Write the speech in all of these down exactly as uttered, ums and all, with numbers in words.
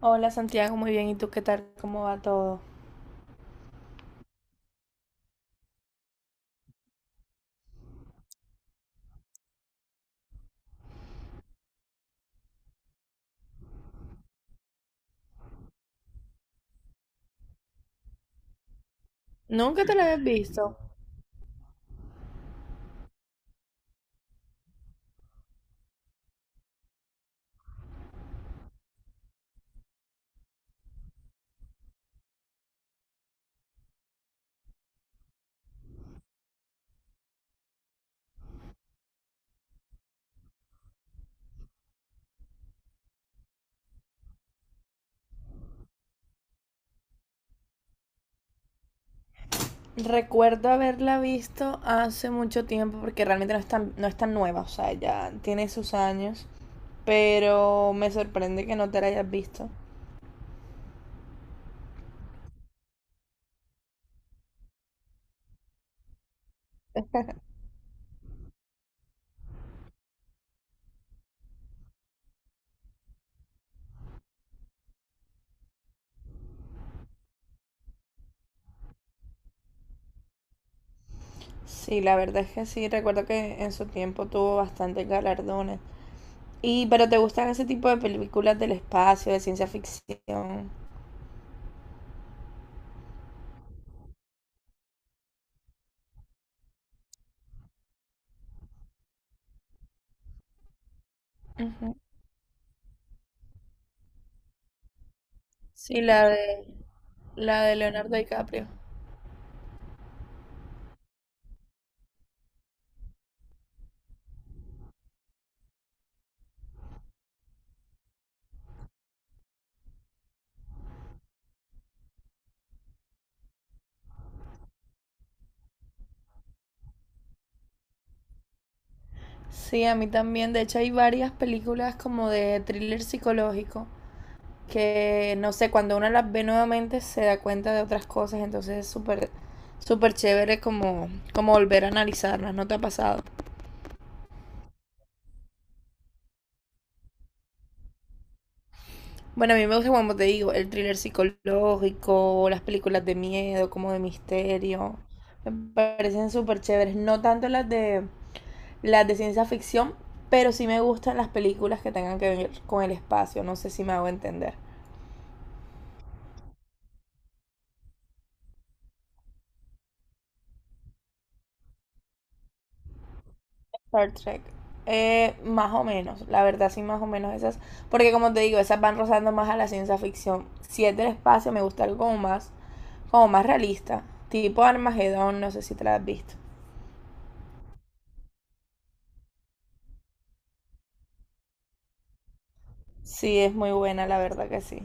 Hola Santiago, muy bien. ¿Y tú qué tal? ¿Cómo va todo? Nunca te la habías visto. Recuerdo haberla visto hace mucho tiempo porque realmente no es tan, no es tan nueva, o sea, ya tiene sus años, pero me sorprende que no te la hayas visto. Sí, la verdad es que sí, recuerdo que en su tiempo tuvo bastantes galardones. Y, pero ¿te gustan ese tipo de películas del espacio, de ciencia ficción? Ujú. Sí, la de, la de Leonardo DiCaprio. Sí, a mí también. De hecho, hay varias películas como de thriller psicológico que, no sé, cuando uno las ve nuevamente se da cuenta de otras cosas. Entonces es súper, súper chévere como, como volver a analizarlas. ¿No te ha pasado? Bueno, a mí me gusta, como te digo, el thriller psicológico, las películas de miedo, como de misterio. Me parecen súper chéveres. No tanto las de, las de ciencia ficción, pero sí me gustan las películas que tengan que ver con el espacio. No sé si me hago entender. Star Trek. Eh, más o menos, la verdad sí, más o menos esas. Porque como te digo, esas van rozando más a la ciencia ficción. Si es del espacio, me gusta algo como más, como más realista. Tipo Armageddon, no sé si te la has visto. Sí, es muy buena, la verdad que sí.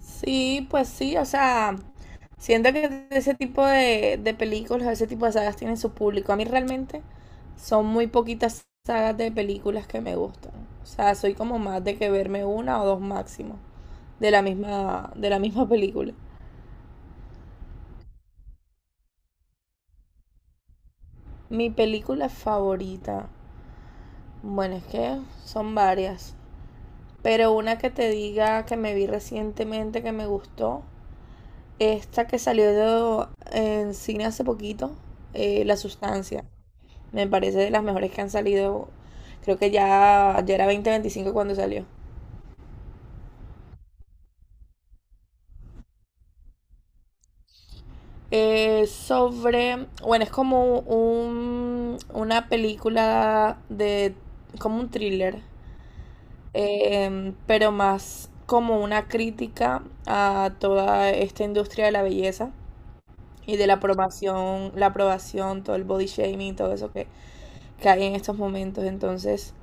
Sí, pues sí, o sea, siento que ese tipo de, de películas, ese tipo de sagas tienen su público. A mí realmente son muy poquitas sagas de películas que me gustan. O sea, soy como más de que verme una o dos máximo de la misma, de la misma película. Mi película favorita, bueno, es que son varias, pero una que te diga que me vi recientemente que me gustó, esta que salió de- en cine hace poquito, eh, La Sustancia. Me parece de las mejores que han salido. Creo que ya, ya era veinte veinticinco cuando salió. Eh, sobre. Bueno, es como un, una película de. Como un thriller. Eh, pero más como una crítica a toda esta industria de la belleza y de la aprobación, la aprobación, todo el body shaming, todo eso que, que hay en estos momentos. Entonces,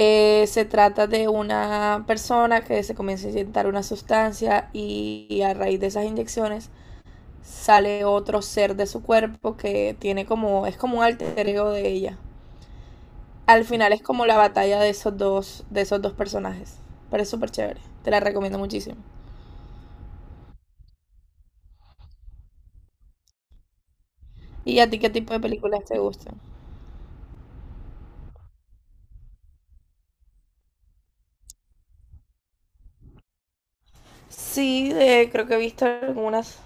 Eh, se trata de una persona que se comienza a inyectar una sustancia y, y a raíz de esas inyecciones sale otro ser de su cuerpo que tiene como es como un alter ego de ella. Al final es como la batalla de esos dos de esos dos personajes, pero es súper chévere. Te la recomiendo muchísimo. ¿Y a ti qué tipo de películas te gustan? Sí, eh, creo que he visto algunas.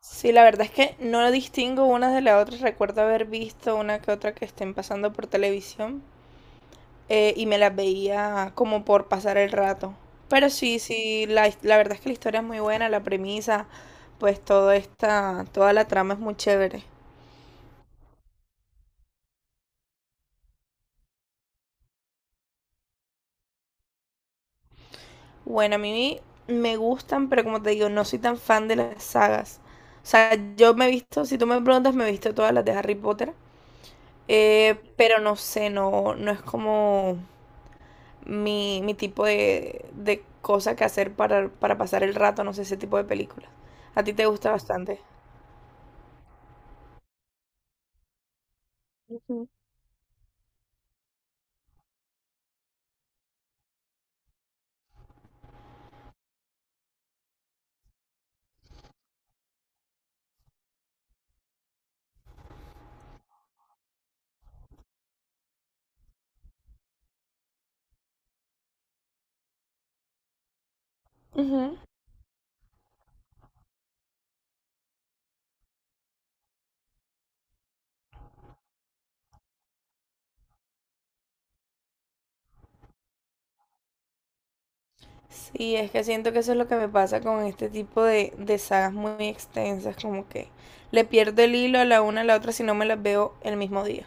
Sí, la verdad es que no distingo unas de las otras. Recuerdo haber visto una que otra que estén pasando por televisión. Eh, y me las veía como por pasar el rato. Pero sí, sí, la, his- la verdad es que la historia es muy buena, la premisa, pues todo esta, toda la trama es muy chévere. Bueno, a mí me gustan, pero como te digo, no soy tan fan de las sagas. O sea, yo me he visto, si tú me preguntas, me he visto todas las de Harry Potter, eh, pero no sé, no, no es como mi, mi tipo de, de cosa que hacer para, para pasar el rato, no sé, ese tipo de películas. A ti te gusta bastante. Ujú. Ujú. Sí, es que siento que eso es lo que me pasa con este tipo de, de sagas muy extensas, como que le pierdo el hilo a la una a la otra si no me las veo el mismo día.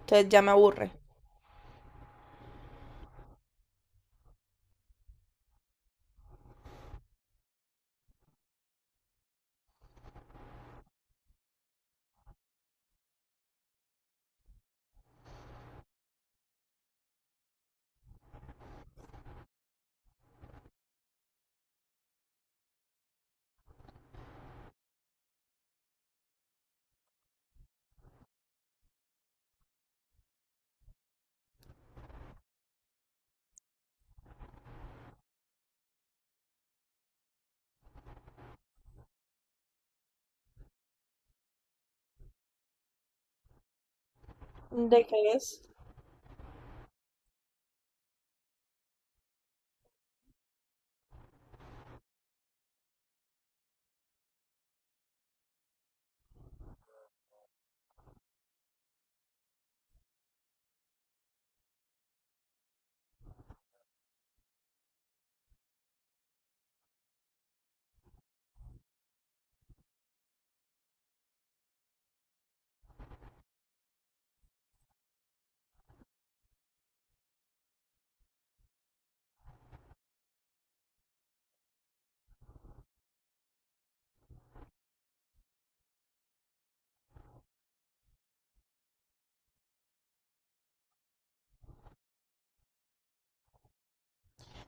Entonces ya me aburre. ¿De qué es?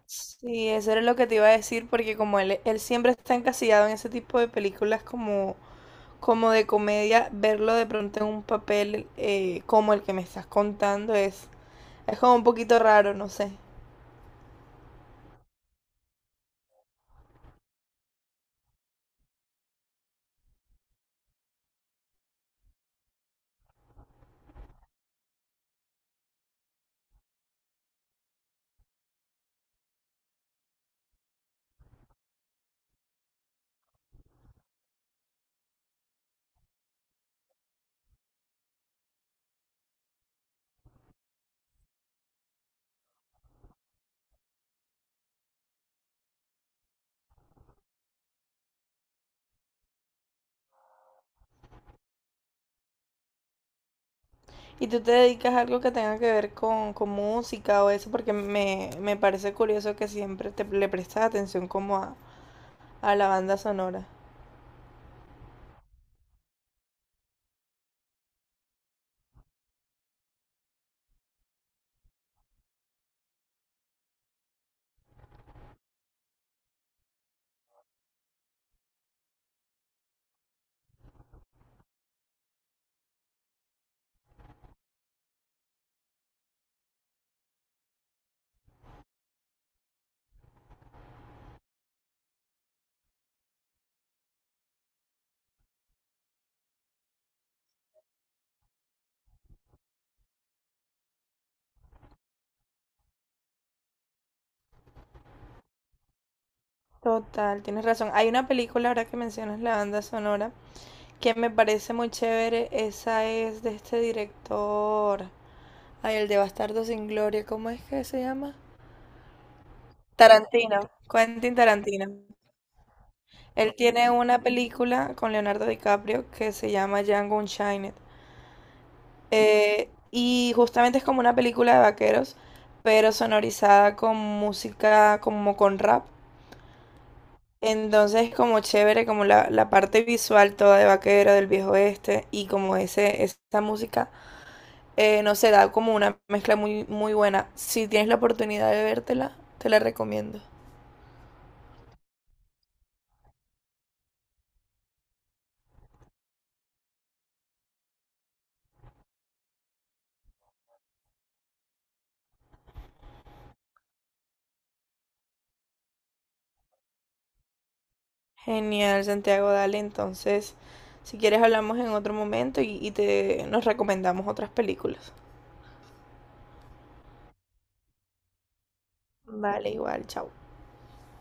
Sí, eso era lo que te iba a decir, porque como él, él siempre está encasillado en ese tipo de películas como, como de comedia, verlo de pronto en un papel eh, como el que me estás contando es, es como un poquito raro, no sé. ¿Y tú te dedicas a algo que tenga que ver con, con música o eso? Porque me, me parece curioso que siempre te, le prestas atención como a, a la banda sonora. Total, tienes razón. Hay una película ahora que mencionas la banda sonora que me parece muy chévere. Esa es de este director. Ay, el de Bastardo sin Gloria, ¿cómo es que se llama? Tarantino, Quentin Tarantino. Él tiene una película con Leonardo DiCaprio que se llama Django Unchained. Eh, y justamente es como una película de vaqueros, pero sonorizada con música como con rap. Entonces como chévere, como la, la parte visual toda de vaquero, del viejo oeste, y como ese, esa música, eh, no sé, da como una mezcla muy, muy buena. Si tienes la oportunidad de vértela, te la recomiendo. Genial, Santiago, dale. Entonces, si quieres hablamos en otro momento y, y te, nos recomendamos otras películas. Vale, igual, chao.